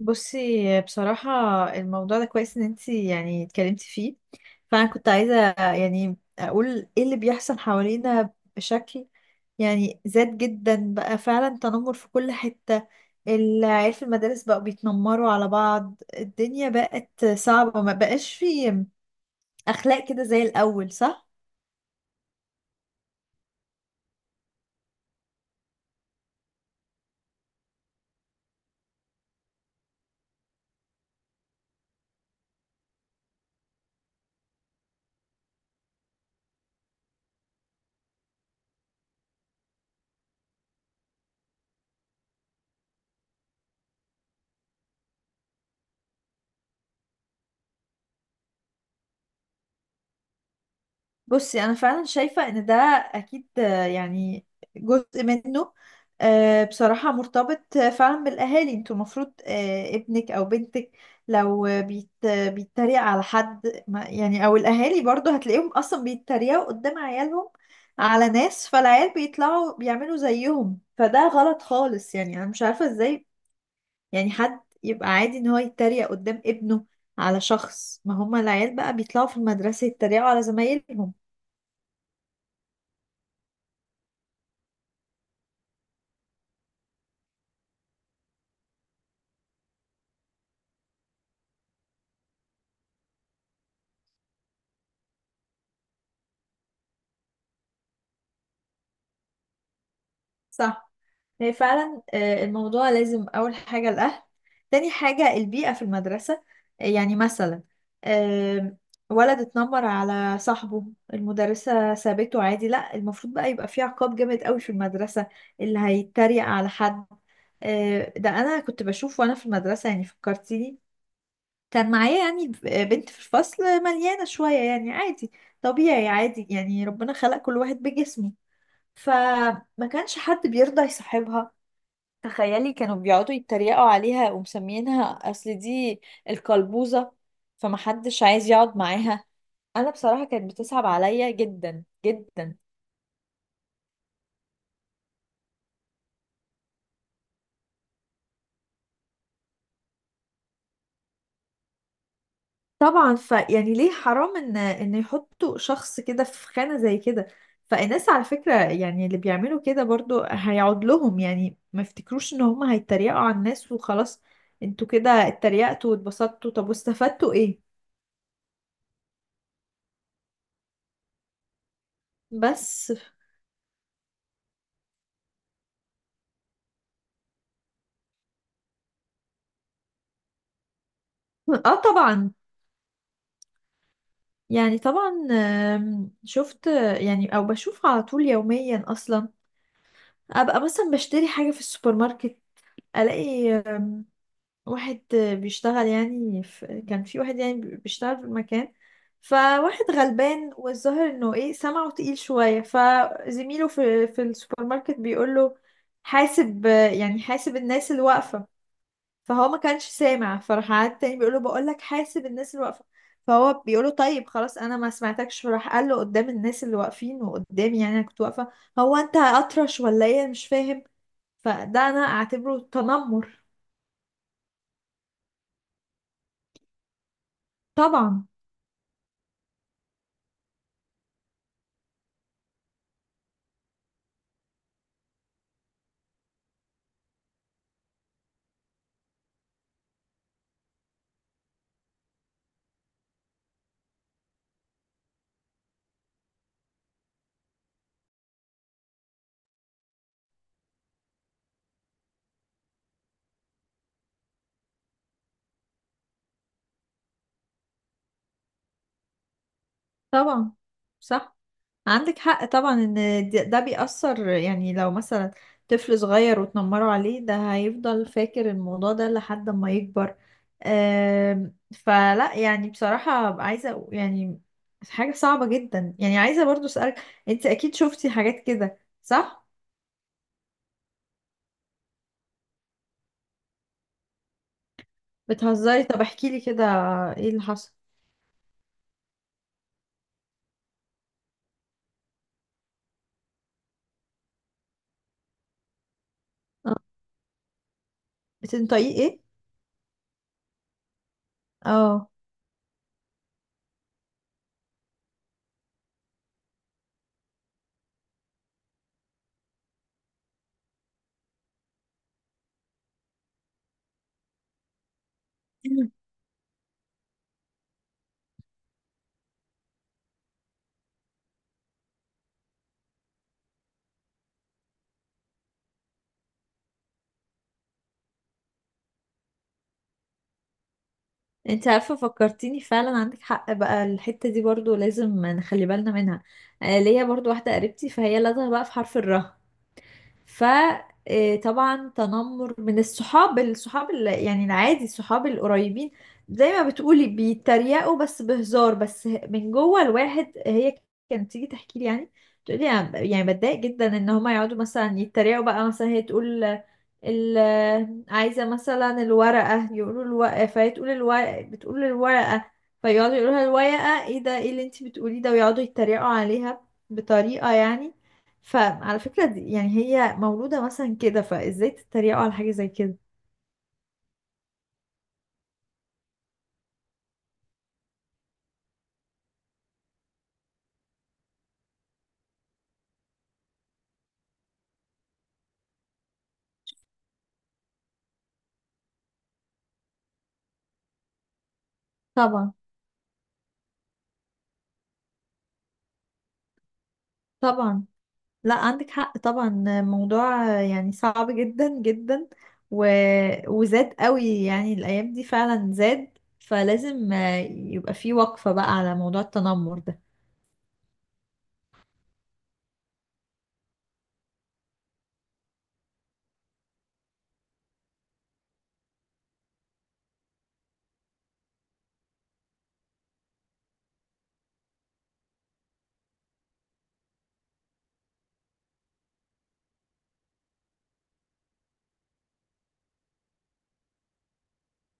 بصي، بصراحة الموضوع ده كويس ان انتي يعني اتكلمتي فيه. فانا كنت عايزة يعني اقول ايه اللي بيحصل حوالينا بشكل يعني زاد جدا بقى فعلا تنمر في كل حتة. العيال في المدارس بقوا بيتنمروا على بعض، الدنيا بقت صعبة، ما بقاش في اخلاق كده زي الاول، صح؟ بصي، انا فعلا شايفه ان ده اكيد، يعني جزء منه. بصراحه مرتبط فعلا بالاهالي. انتوا المفروض ابنك او بنتك لو بيتريق على حد ما- يعني، او الاهالي برضو هتلاقيهم اصلا بيتريقوا قدام عيالهم على ناس. فالعيال بيطلعوا بيعملوا زيهم، فده غلط خالص. يعني انا مش عارفه ازاي يعني حد يبقى عادي ان هو يتريق قدام ابنه على شخص، ما هما العيال بقى بيطلعوا في المدرسه يتريقوا على زمايلهم. صح، هي فعلا الموضوع لازم أول حاجة الأهل، تاني حاجة البيئة في المدرسة. يعني مثلا آم، ولد اتنمر على صاحبه، المدرسة سابته عادي. لا، المفروض بقى يبقى في عقاب جامد قوي في المدرسة اللي هيتريق على حد. ده أنا كنت بشوف وأنا في المدرسة، يعني فكرتيني. كان معايا يعني بنت في الفصل مليانة شوية، يعني عادي طبيعي، عادي يعني ربنا خلق كل واحد بجسمه. فما كانش حد بيرضى يصاحبها. تخيلي، كانوا بيقعدوا يتريقوا عليها ومسميينها، اصل دي القلبوزة. فمحدش عايز يقعد معاها. انا بصراحة كانت بتصعب عليا جدا جدا. طبعا، ف يعني ليه حرام ان يحطوا شخص كده في خانة زي كده. فالناس، على فكرة، يعني اللي بيعملوا كده برضو هيعود لهم. يعني ما يفتكروش ان هم هيتريقوا على الناس وخلاص. انتوا كده اتريقتوا واتبسطتوا، طب واستفدتوا ايه؟ بس. اه، طبعا. يعني طبعا، شفت يعني، او بشوف على طول يوميا اصلا. ابقى مثلا بشتري حاجة في السوبر ماركت، الاقي واحد بيشتغل، يعني في، كان في واحد يعني بيشتغل في المكان. فواحد غلبان والظاهر انه ايه سمعه تقيل شوية، فزميله في السوبر ماركت بيقول له، حاسب، يعني حاسب الناس اللي واقفة. فهو ما كانش سامع، فراح قعد تاني بيقول له، بقول لك حاسب الناس اللي واقفه. فهو بيقول له، طيب خلاص انا ما سمعتكش. فراح قال له قدام الناس اللي واقفين وقدامي، يعني انا كنت واقفه، هو انت اطرش ولا ايه مش فاهم؟ فده انا اعتبره تنمر. طبعا طبعا. صح، عندك حق طبعا ان ده بيأثر. يعني لو مثلا طفل صغير وتنمروا عليه ده هيفضل فاكر الموضوع ده لحد ما يكبر. فلا يعني بصراحة أبقى عايزة يعني، حاجة صعبة جدا. يعني عايزة برضو أسألك، انت اكيد شفتي حاجات كده، صح؟ بتهزري؟ طب احكي لي كده، ايه اللي حصل؟ آه. بتنطقيه ايه؟ اه، انت عارفة فكرتيني، فعلا عندك حق بقى، الحتة دي برضو لازم نخلي بالنا منها. ليا برضو واحدة قريبتي، فهي لازمة بقى في حرف الراء. فطبعا، تنمر من الصحاب، الصحاب يعني العادي، الصحاب القريبين، زي ما بتقولي بيتريقوا بس بهزار، بس من جوه الواحد. هي كانت تيجي تحكي لي، يعني تقولي، أنا يعني بتضايق جدا ان هما يقعدوا مثلا يتريقوا. بقى مثلا هي تقول ال عايزة مثلا الورقة، يقولوا الورقة فهي تقول الورقة، بتقول الورقة، فيقعدوا يقولوا لها، الورقة ايه ده، ايه اللي انتي بتقوليه ده، ويقعدوا يتريقوا عليها بطريقة يعني. فعلى فكرة دي يعني هي مولودة مثلا كده، فازاي تتريقوا على حاجة زي كده؟ طبعا طبعا. لا، عندك حق طبعا، موضوع يعني صعب جدا جدا، و... وزاد قوي يعني الأيام دي، فعلا زاد. فلازم يبقى في وقفة بقى على موضوع التنمر ده.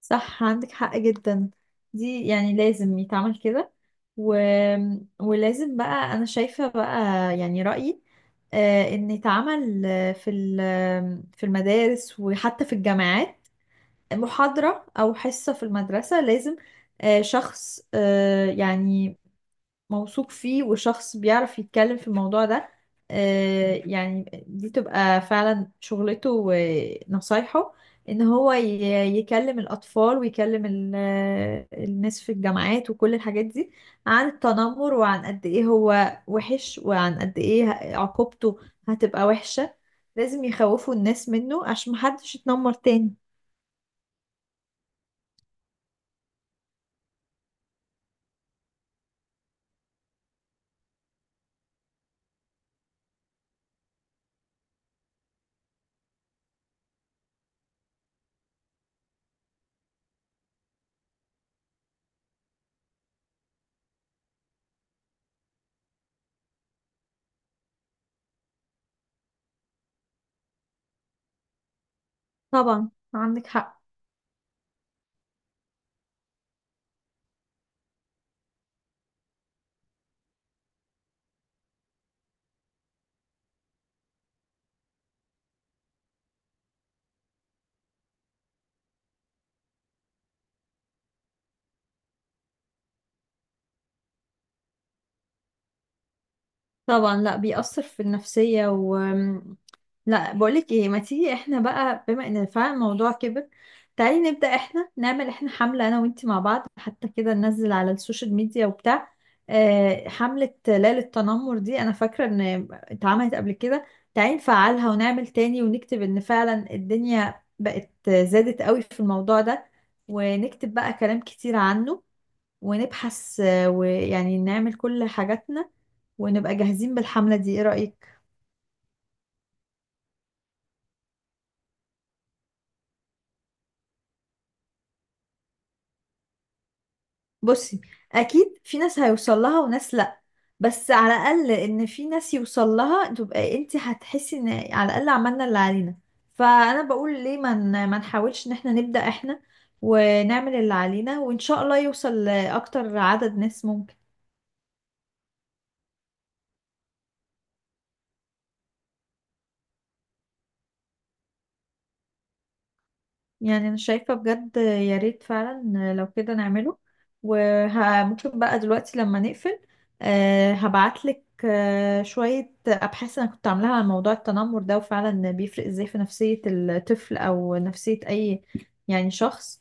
صح، عندك حق جدا، دي يعني لازم يتعمل كده. و... ولازم بقى، انا شايفة بقى، يعني رأيي، ان يتعمل آه، في ال- آه، في المدارس وحتى في الجامعات محاضرة او حصة في المدرسة. لازم شخص يعني موثوق فيه، وشخص بيعرف يتكلم في الموضوع ده، يعني دي تبقى فعلا شغلته ونصايحه، ان هو يكلم الاطفال، ويكلم الناس في الجامعات وكل الحاجات دي، عن التنمر، وعن قد ايه هو وحش، وعن قد ايه عقوبته هتبقى وحشة. لازم يخوفوا الناس منه عشان محدش يتنمر تاني. طبعا، عندك حق طبعا، لا بيأثر في النفسية. لا، بقولك ايه، ما تيجي احنا بقى، بما ان فعلا الموضوع كبر، تعالي نبدأ احنا، نعمل احنا حملة انا وانتي مع بعض، حتى كده ننزل على السوشيال ميديا وبتاع. حملة ليلة التنمر دي انا فاكرة ان اتعملت قبل كده، تعالي نفعلها ونعمل تاني، ونكتب ان فعلا الدنيا بقت زادت قوي في الموضوع ده، ونكتب بقى كلام كتير عنه، ونبحث ويعني نعمل كل حاجاتنا، ونبقى جاهزين بالحملة دي. ايه رأيك؟ بصي، اكيد في ناس هيوصل لها وناس لا، بس على الاقل ان في ناس يوصل لها، تبقى انت هتحسي ان على الاقل عملنا اللي علينا. فانا بقول، ليه ما ما نحاولش ان احنا نبدأ احنا، ونعمل اللي علينا، وان شاء الله يوصل لاكتر عدد ناس ممكن. يعني انا شايفة بجد يا ريت فعلا لو كده نعمله. وممكن بقى دلوقتي لما نقفل، هبعتلك شوية أبحاث أنا كنت عاملاها عن موضوع التنمر ده، وفعلا بيفرق إزاي في نفسية الطفل أو نفسية أي يعني شخص.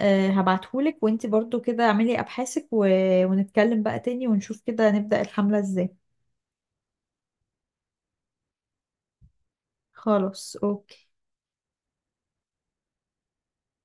هبعتهولك، وانتي برضو كده اعملي أبحاثك و- ونتكلم بقى تاني، ونشوف كده نبدأ الحملة إزاي. خلاص، أوكي.